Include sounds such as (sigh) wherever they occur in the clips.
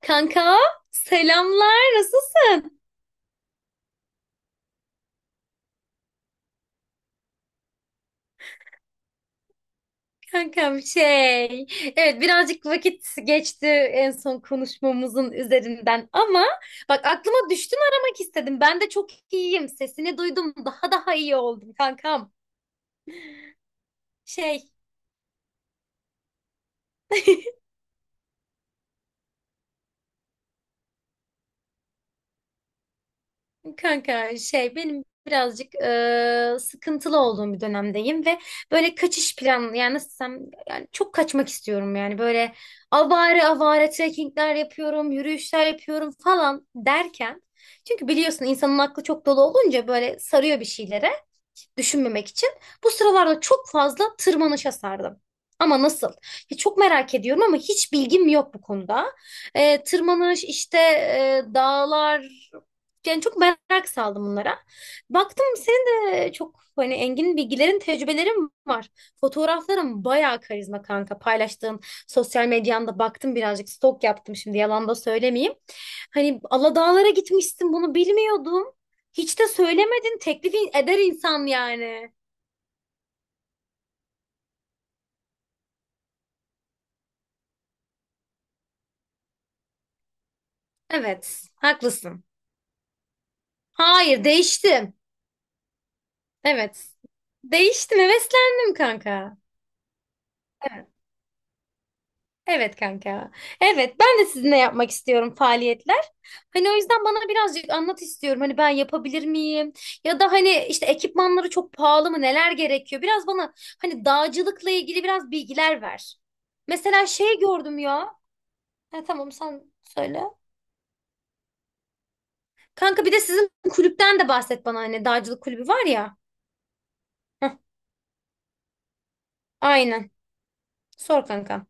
Kanka selamlar nasılsın kankam şey evet birazcık vakit geçti en son konuşmamızın üzerinden ama bak aklıma düştün aramak istedim ben de çok iyiyim sesini duydum daha iyi oldum kankam şey. Kanka şey benim birazcık sıkıntılı olduğum bir dönemdeyim ve böyle kaçış planı yani nasıl desem yani çok kaçmak istiyorum yani böyle avare avare trekkingler yapıyorum yürüyüşler yapıyorum falan derken çünkü biliyorsun insanın aklı çok dolu olunca böyle sarıyor bir şeylere düşünmemek için bu sıralarda çok fazla tırmanışa sardım. Ama nasıl? Ya çok merak ediyorum ama hiç bilgim yok bu konuda. Tırmanış işte dağlar yani çok merak saldım bunlara. Baktım senin de çok hani engin bilgilerin, tecrübelerin var. Fotoğrafların bayağı karizma kanka. Paylaştığın sosyal medyanda baktım birazcık stok yaptım şimdi yalan da söylemeyeyim. Hani Aladağlara gitmişsin bunu bilmiyordum. Hiç de söylemedin. Teklif eder insan yani. Evet, haklısın. Hayır, değiştim. Evet. Değiştim, heveslendim kanka. Evet, evet kanka. Evet, ben de sizinle yapmak istiyorum faaliyetler. Hani o yüzden bana birazcık anlat istiyorum. Hani ben yapabilir miyim? Ya da hani işte ekipmanları çok pahalı mı? Neler gerekiyor? Biraz bana hani dağcılıkla ilgili biraz bilgiler ver. Mesela şey gördüm ya. Ha, tamam sen söyle. Kanka bir de sizin kulüpten de bahset bana anne. Dağcılık kulübü var ya. Heh, aynen. Sor kanka.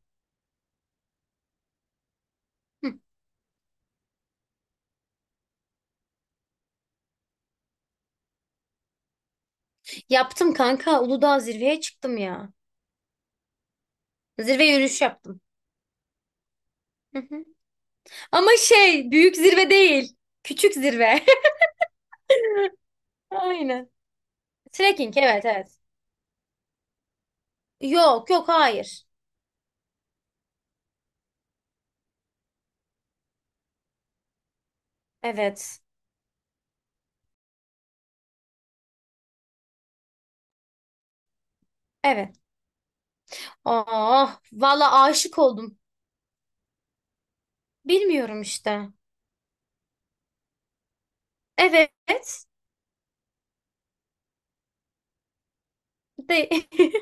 Hı. Yaptım kanka. Uludağ zirveye çıktım ya. Zirve yürüyüş yaptım. Hı hı. Ama şey büyük zirve değil. Küçük zirve. (laughs) Aynen. Trekking evet evet. Yok yok hayır. Evet. Evet. Ah valla aşık oldum. Bilmiyorum işte. Evet. De (laughs)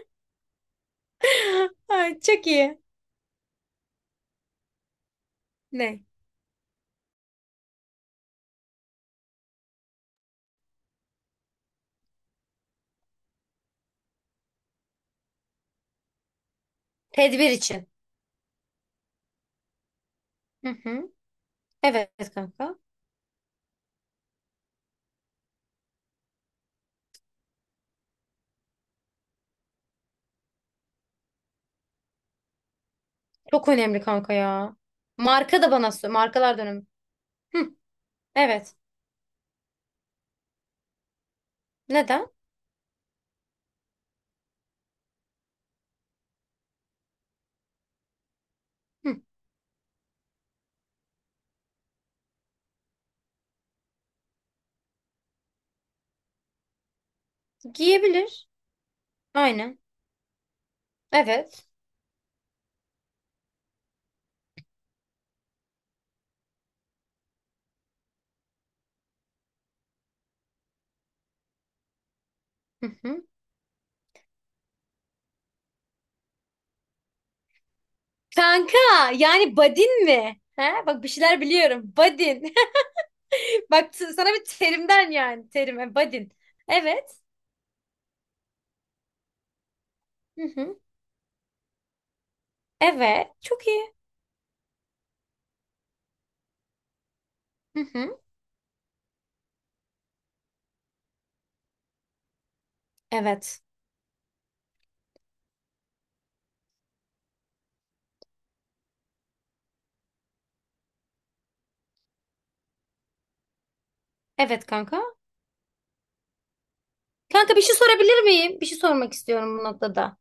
Ay, çok iyi. Ne? Tedbir için. Hı hı. Evet kanka. Çok önemli kanka ya. Marka da bana sö- markalar dönemi. Hı, evet. Neden? Hı, giyebilir. Aynen. Evet. Hı hı. Kanka yani badin mi? He? Bak bir şeyler biliyorum. Badin. (laughs) Bak t- sana bir terimden yani terime badin. Evet. Hı hı. Evet. Çok iyi. Hı hı. Evet. Evet kanka. Kanka bir şey sorabilir miyim? Bir şey sormak istiyorum bu noktada.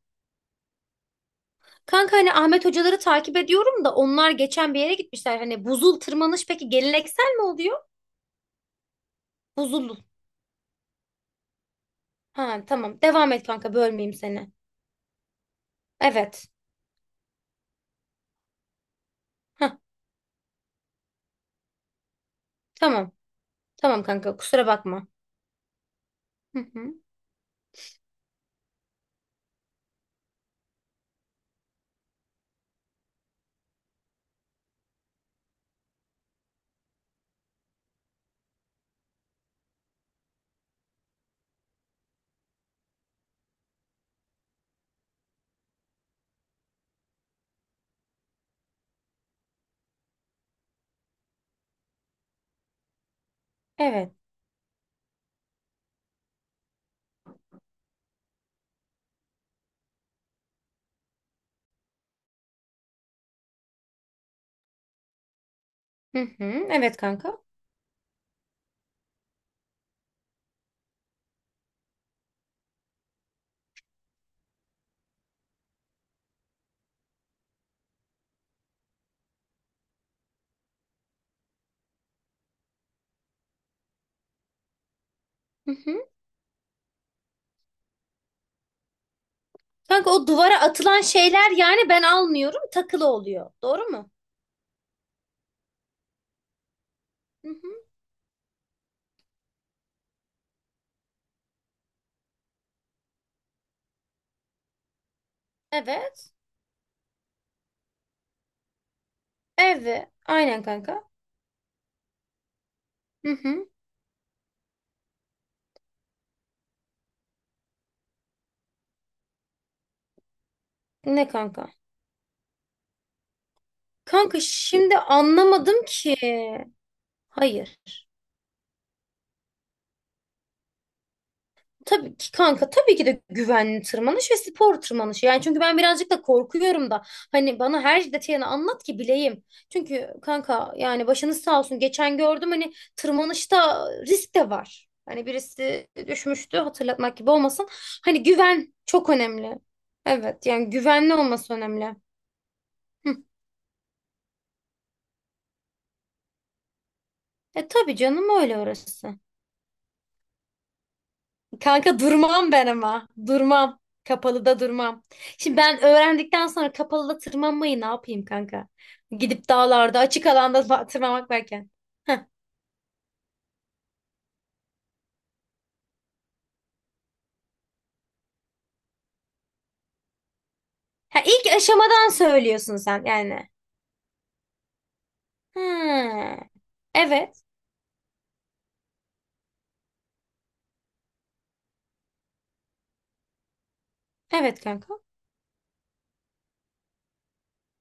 Kanka hani Ahmet hocaları takip ediyorum da onlar geçen bir yere gitmişler. Hani buzul tırmanış peki geleneksel mi oluyor? Buzul. Ha tamam. Devam et kanka bölmeyeyim seni. Evet. Ha tamam. Tamam kanka kusura bakma. Hı hı. Evet. Hı hı. Evet kanka. Hı hı. Kanka o duvara atılan şeyler yani ben almıyorum takılı oluyor. Doğru mu? Hı hı. Evet. Evet. Aynen kanka. Hı hı. Ne kanka? Kanka şimdi anlamadım ki. Hayır. Tabii ki kanka tabii ki de güvenli tırmanış ve spor tırmanışı. Yani çünkü ben birazcık da korkuyorum da hani bana her detayını anlat ki bileyim. Çünkü kanka yani başınız sağ olsun geçen gördüm hani tırmanışta risk de var. Hani birisi düşmüştü hatırlatmak gibi olmasın. Hani güven çok önemli. Evet yani güvenli olması önemli. Hı. E tabii canım öyle orası. Kanka durmam ben ama. Durmam. Kapalıda durmam. Şimdi ben öğrendikten sonra kapalıda tırmanmayı ne yapayım kanka? Gidip dağlarda, açık alanda (laughs) ba- tırmanmak varken. Heh. Ha, ilk aşamadan söylüyorsun sen yani. Ha. Evet. Evet kanka.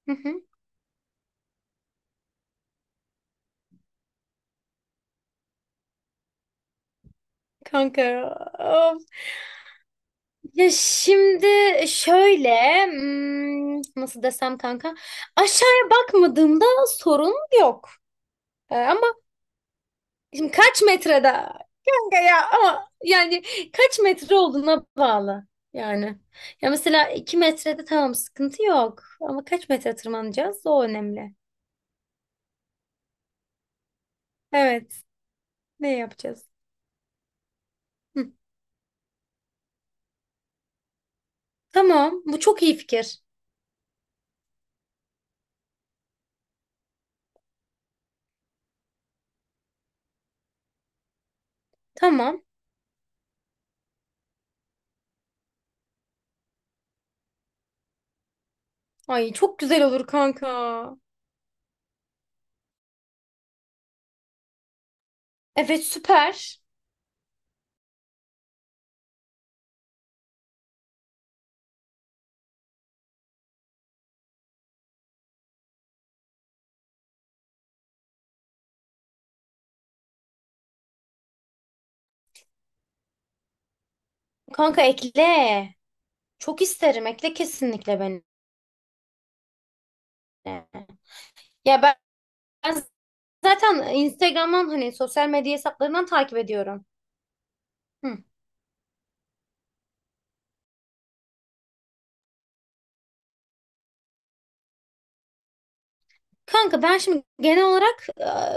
Hı hı. Kanka. Of. Ya şimdi şöyle nasıl desem kanka aşağıya bakmadığımda sorun yok. Ama şimdi kaç metrede kanka ya ama yani kaç metre olduğuna bağlı yani. Ya mesela 2 metrede tamam sıkıntı yok ama kaç metre tırmanacağız o önemli. Evet ne yapacağız? Hı, tamam bu çok iyi fikir. Tamam. Ay çok güzel olur kanka. Evet süper. Kanka ekle. Çok isterim ekle kesinlikle beni. Ya ben zaten Instagram'dan hani sosyal medya hesaplarından takip ediyorum. Hı. Kanka ben şimdi genel olarak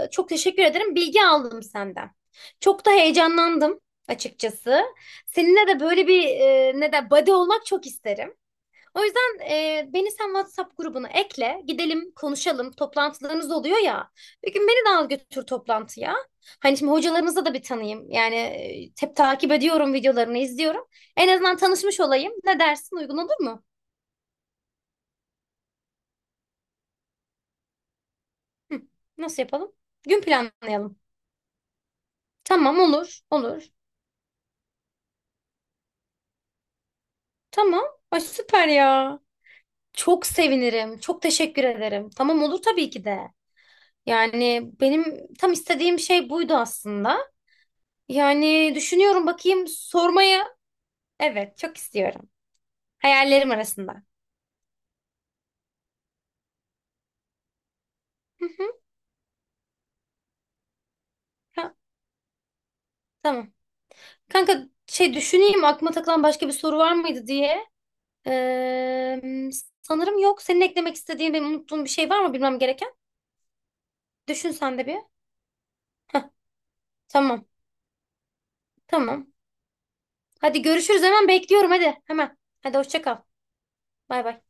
çok teşekkür ederim. Bilgi aldım senden. Çok da heyecanlandım açıkçası. Seninle de böyle bir ne de buddy olmak çok isterim. O yüzden beni sen WhatsApp grubuna ekle. Gidelim konuşalım. Toplantılarımız oluyor ya. Bir gün beni de al götür toplantıya. Hani şimdi hocalarımızı da bir tanıyayım. Yani hep takip ediyorum videolarını izliyorum. En azından tanışmış olayım. Ne dersin uygun olur mu? Hı, nasıl yapalım? Gün planlayalım. Tamam olur olur. Tamam. Ay süper ya. Çok sevinirim. Çok teşekkür ederim. Tamam olur tabii ki de. Yani benim tam istediğim şey buydu aslında. Yani düşünüyorum bakayım sormaya. Evet çok istiyorum. Hayallerim arasında. Hı hı. Ha, tamam. Kanka şey düşüneyim aklıma takılan başka bir soru var mıydı diye. Ee, Sanırım yok. Senin eklemek istediğin benim unuttuğum bir şey var mı bilmem gereken? Düşün sen de bir. Heh, tamam. Tamam. Hadi görüşürüz hemen bekliyorum hadi. Hemen. Hadi hoşça kal. Bay bay.